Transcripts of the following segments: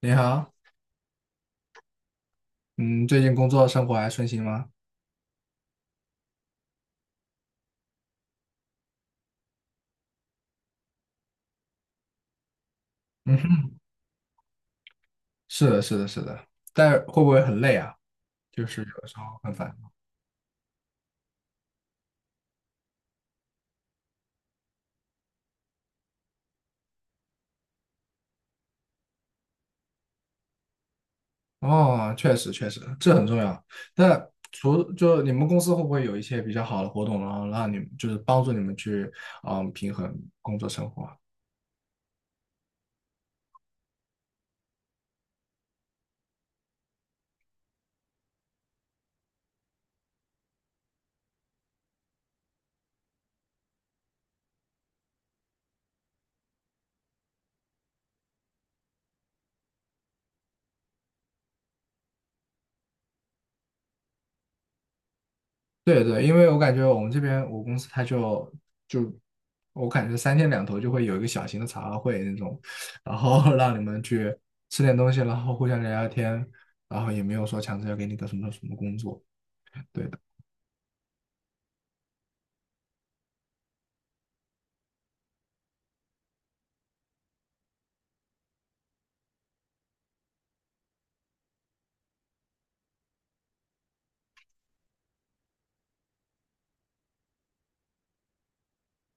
你好，嗯，最近工作生活还顺心吗？嗯哼，是的，是的，是的，但会不会很累啊？就是有的时候很烦。哦，确实确实，这很重要。那除就你们公司会不会有一些比较好的活动，然后让你们就是帮助你们去平衡工作生活啊？对对，因为我感觉我们这边我公司他就我感觉三天两头就会有一个小型的茶话会那种，然后 让你们去吃点东西，然后互相聊聊天，然后也没有说强制要给你个什么什么工作。对的，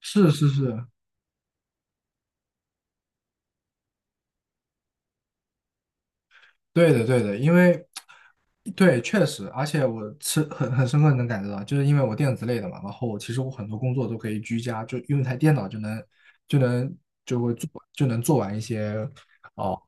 是是是，对的，对的，因为对，确实，而且我是很深刻地能感觉到，就是因为我电子类的嘛，然后其实我很多工作都可以居家，就用一台电脑就能就能做完一些哦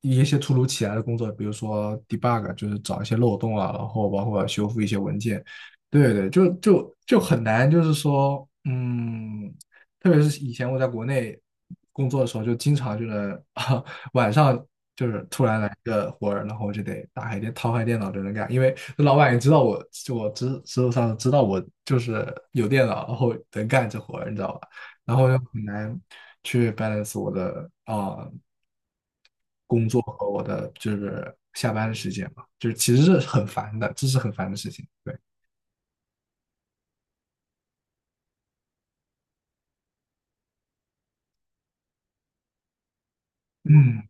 一些突如其来的工作，比如说 debug，就是找一些漏洞啊，然后包括修复一些文件，对对，就就就很难，就是说，特别是以前我在国内工作的时候，就经常就能 晚上就是突然来个活儿，然后我就得打开电掏开电脑就能干，因为老板也知道我，就我知知道上知道我就是有电脑，然后能干这活儿，你知道吧？然后又很难去 balance 我的工作和我的就是下班的时间嘛，就是其实是很烦的，这是很烦的事情。对，嗯，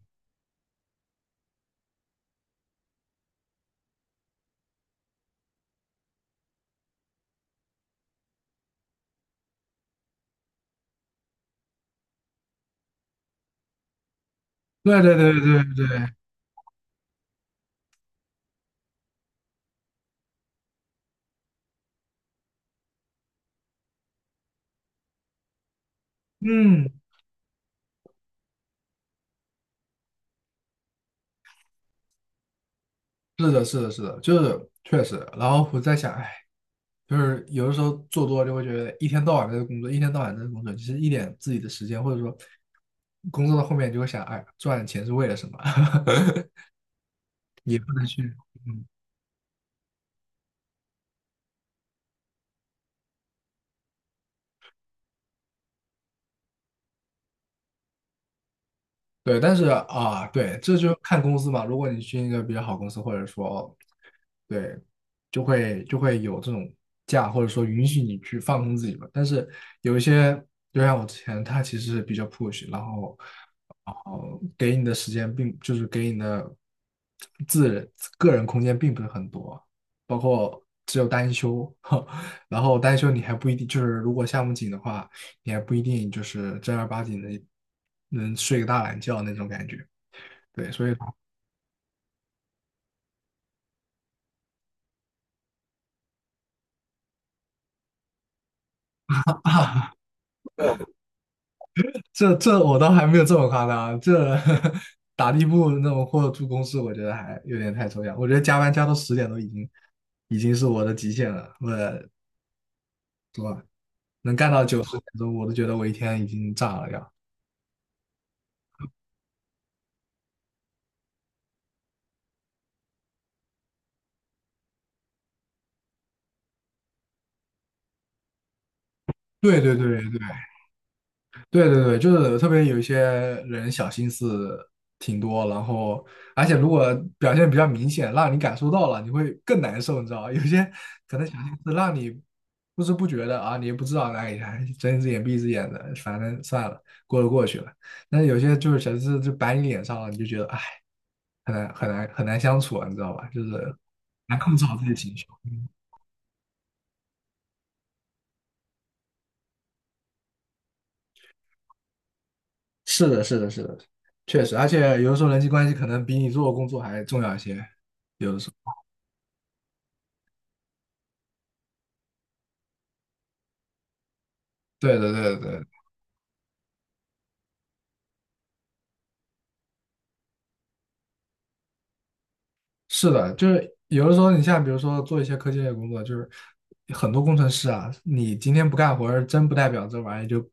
对对对对对，嗯。是的，是的，是的，就是确实。然后我在想，哎，就是有的时候做多了就会觉得一天到晚在这工作，一天到晚在这工作，其实一点自己的时间，或者说工作到后面就会想，哎，赚钱是为了什么？也不能去，嗯对，但是啊，对，这就看公司嘛。如果你去一个比较好公司，或者说，对，就会有这种假，或者说允许你去放空自己嘛。但是有一些，就像我之前，他其实是比较 push，然后，然后给你的时间并就是给你的自人个人空间并不是很多，包括只有单休，然后单休你还不一定，就是如果项目紧的话。你还不一定就是正儿八经的能睡个大懒觉那种感觉。对，所以 啊，这这我倒还没有这么夸张，这呵呵 打地铺那种或者住公司，我觉得还有点太抽象。我觉得加班加到十点都已经是我的极限了，我能干到九十点钟，我都觉得我一天已经炸了要。对对对对对对对，就是特别有一些人小心思挺多，然后而且如果表现比较明显，让你感受到了，你会更难受，你知道吧？有些可能小心思让你不知不觉的啊，你也不知道，哎呀，睁一只眼闭一只眼的，反正算了，过了过去了。但是有些就是小心思就摆你脸上了，你就觉得哎，很难很难很难相处啊你知道吧？就是难控制好自己的情绪。是的，是的，是的，确实，而且有的时候人际关系可能比你做的工作还重要一些。有的时候，对对对的对的是的，就是有的时候，你像比如说做一些科技类的工作，就是很多工程师啊，你今天不干活儿，真不代表这玩意就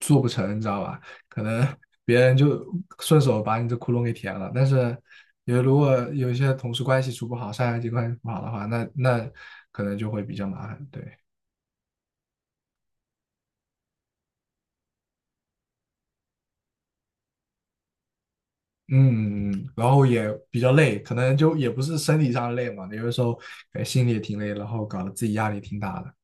做不成，你知道吧？可能别人就顺手把你这窟窿给填了。但是，如果有一些同事关系处不好，上下级关系不好的话，那可能就会比较麻烦。对，嗯，然后也比较累，可能就也不是身体上累嘛，有的时候哎心里也挺累，然后搞得自己压力挺大的。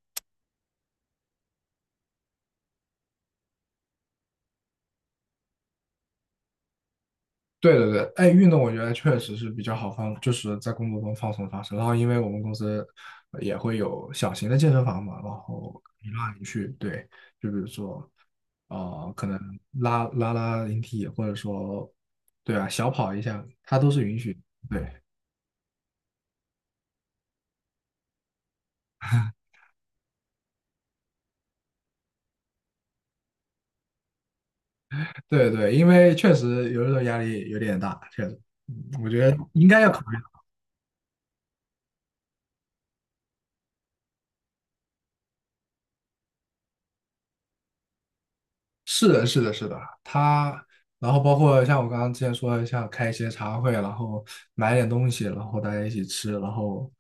对对对，哎，运动我觉得确实是比较好放，就是在工作中放松放松。然后因为我们公司也会有小型的健身房嘛，然后你去，对，就比如说可能拉引体，或者说对啊，小跑一下，它都是允许的。对，对对，因为确实有的时候压力有点大，确实，嗯我觉得应该要考虑。是的，是的，是的，他，然后包括像我刚刚之前说的，像开一些茶会，然后买点东西，然后大家一起吃，然后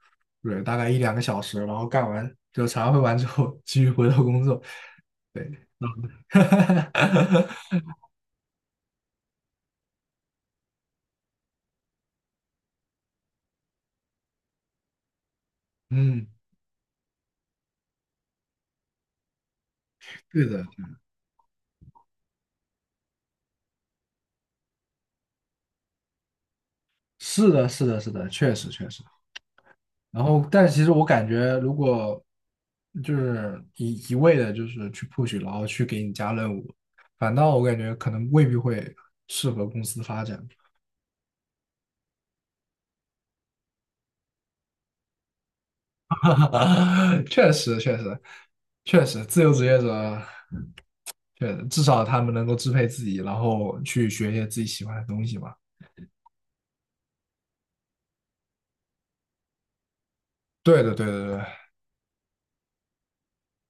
对，大概一两个小时，然后干完就茶会完之后，继续回到工作。对，嗯，对的，是的，是的，是的，确实，确实。然后，但其实我感觉，如果就是一味的，就是去 push，然后去给你加任务，反倒我感觉可能未必会适合公司发展。确实，确实，确实，自由职业者，确实，至少他们能够支配自己，然后去学一些自己喜欢的东西嘛。对的，对的，对的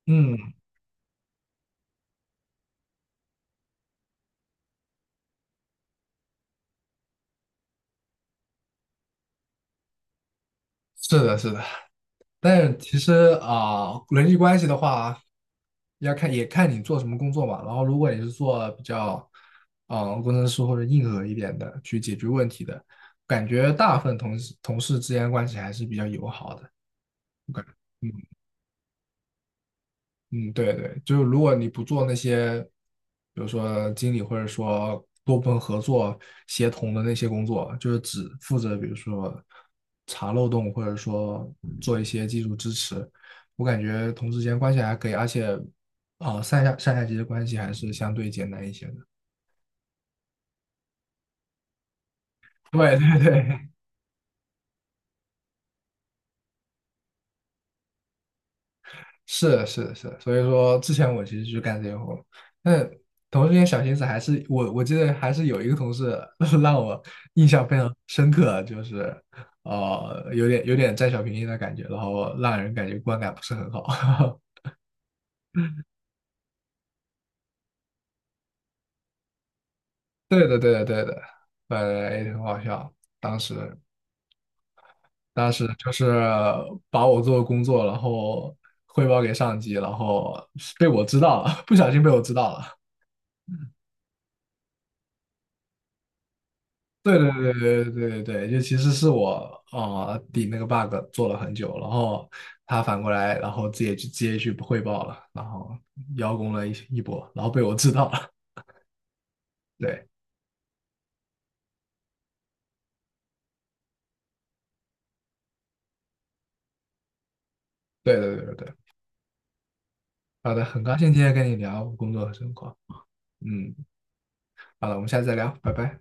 嗯，是的，是的。但是其实人际关系的话，也看你做什么工作嘛。然后，如果你是做比较，工程师或者硬核一点的，去解决问题的，感觉大部分同事之间关系还是比较友好的。我感觉，嗯，对对，就是如果你不做那些，比如说经理或者说多部门合作协同的那些工作，就是只负责比如说查漏洞，或者说做一些技术支持，我感觉同事间关系还可以，而且上下级的关系还是相对简单一些的。对对对，是是是，所以说之前我其实就干这些活，但同时间小心思还是我记得还是有一个同事 让我印象非常深刻，就是有点占小便宜的感觉，然后让人感觉观感不是很好。对的对的对的，呃也很好笑。当时当时就是把我做的工作，然后汇报给上级，然后被我知道了，不小心被我知道了。对对对对对对对，就其实是我顶那个 bug 做了很久，然后他反过来，然后直接去汇报了，然后邀功了一波，然后被我知道了。对对对对对对，好的，很高兴今天跟你聊工作和生活。嗯，好了，我们下次再聊，拜拜。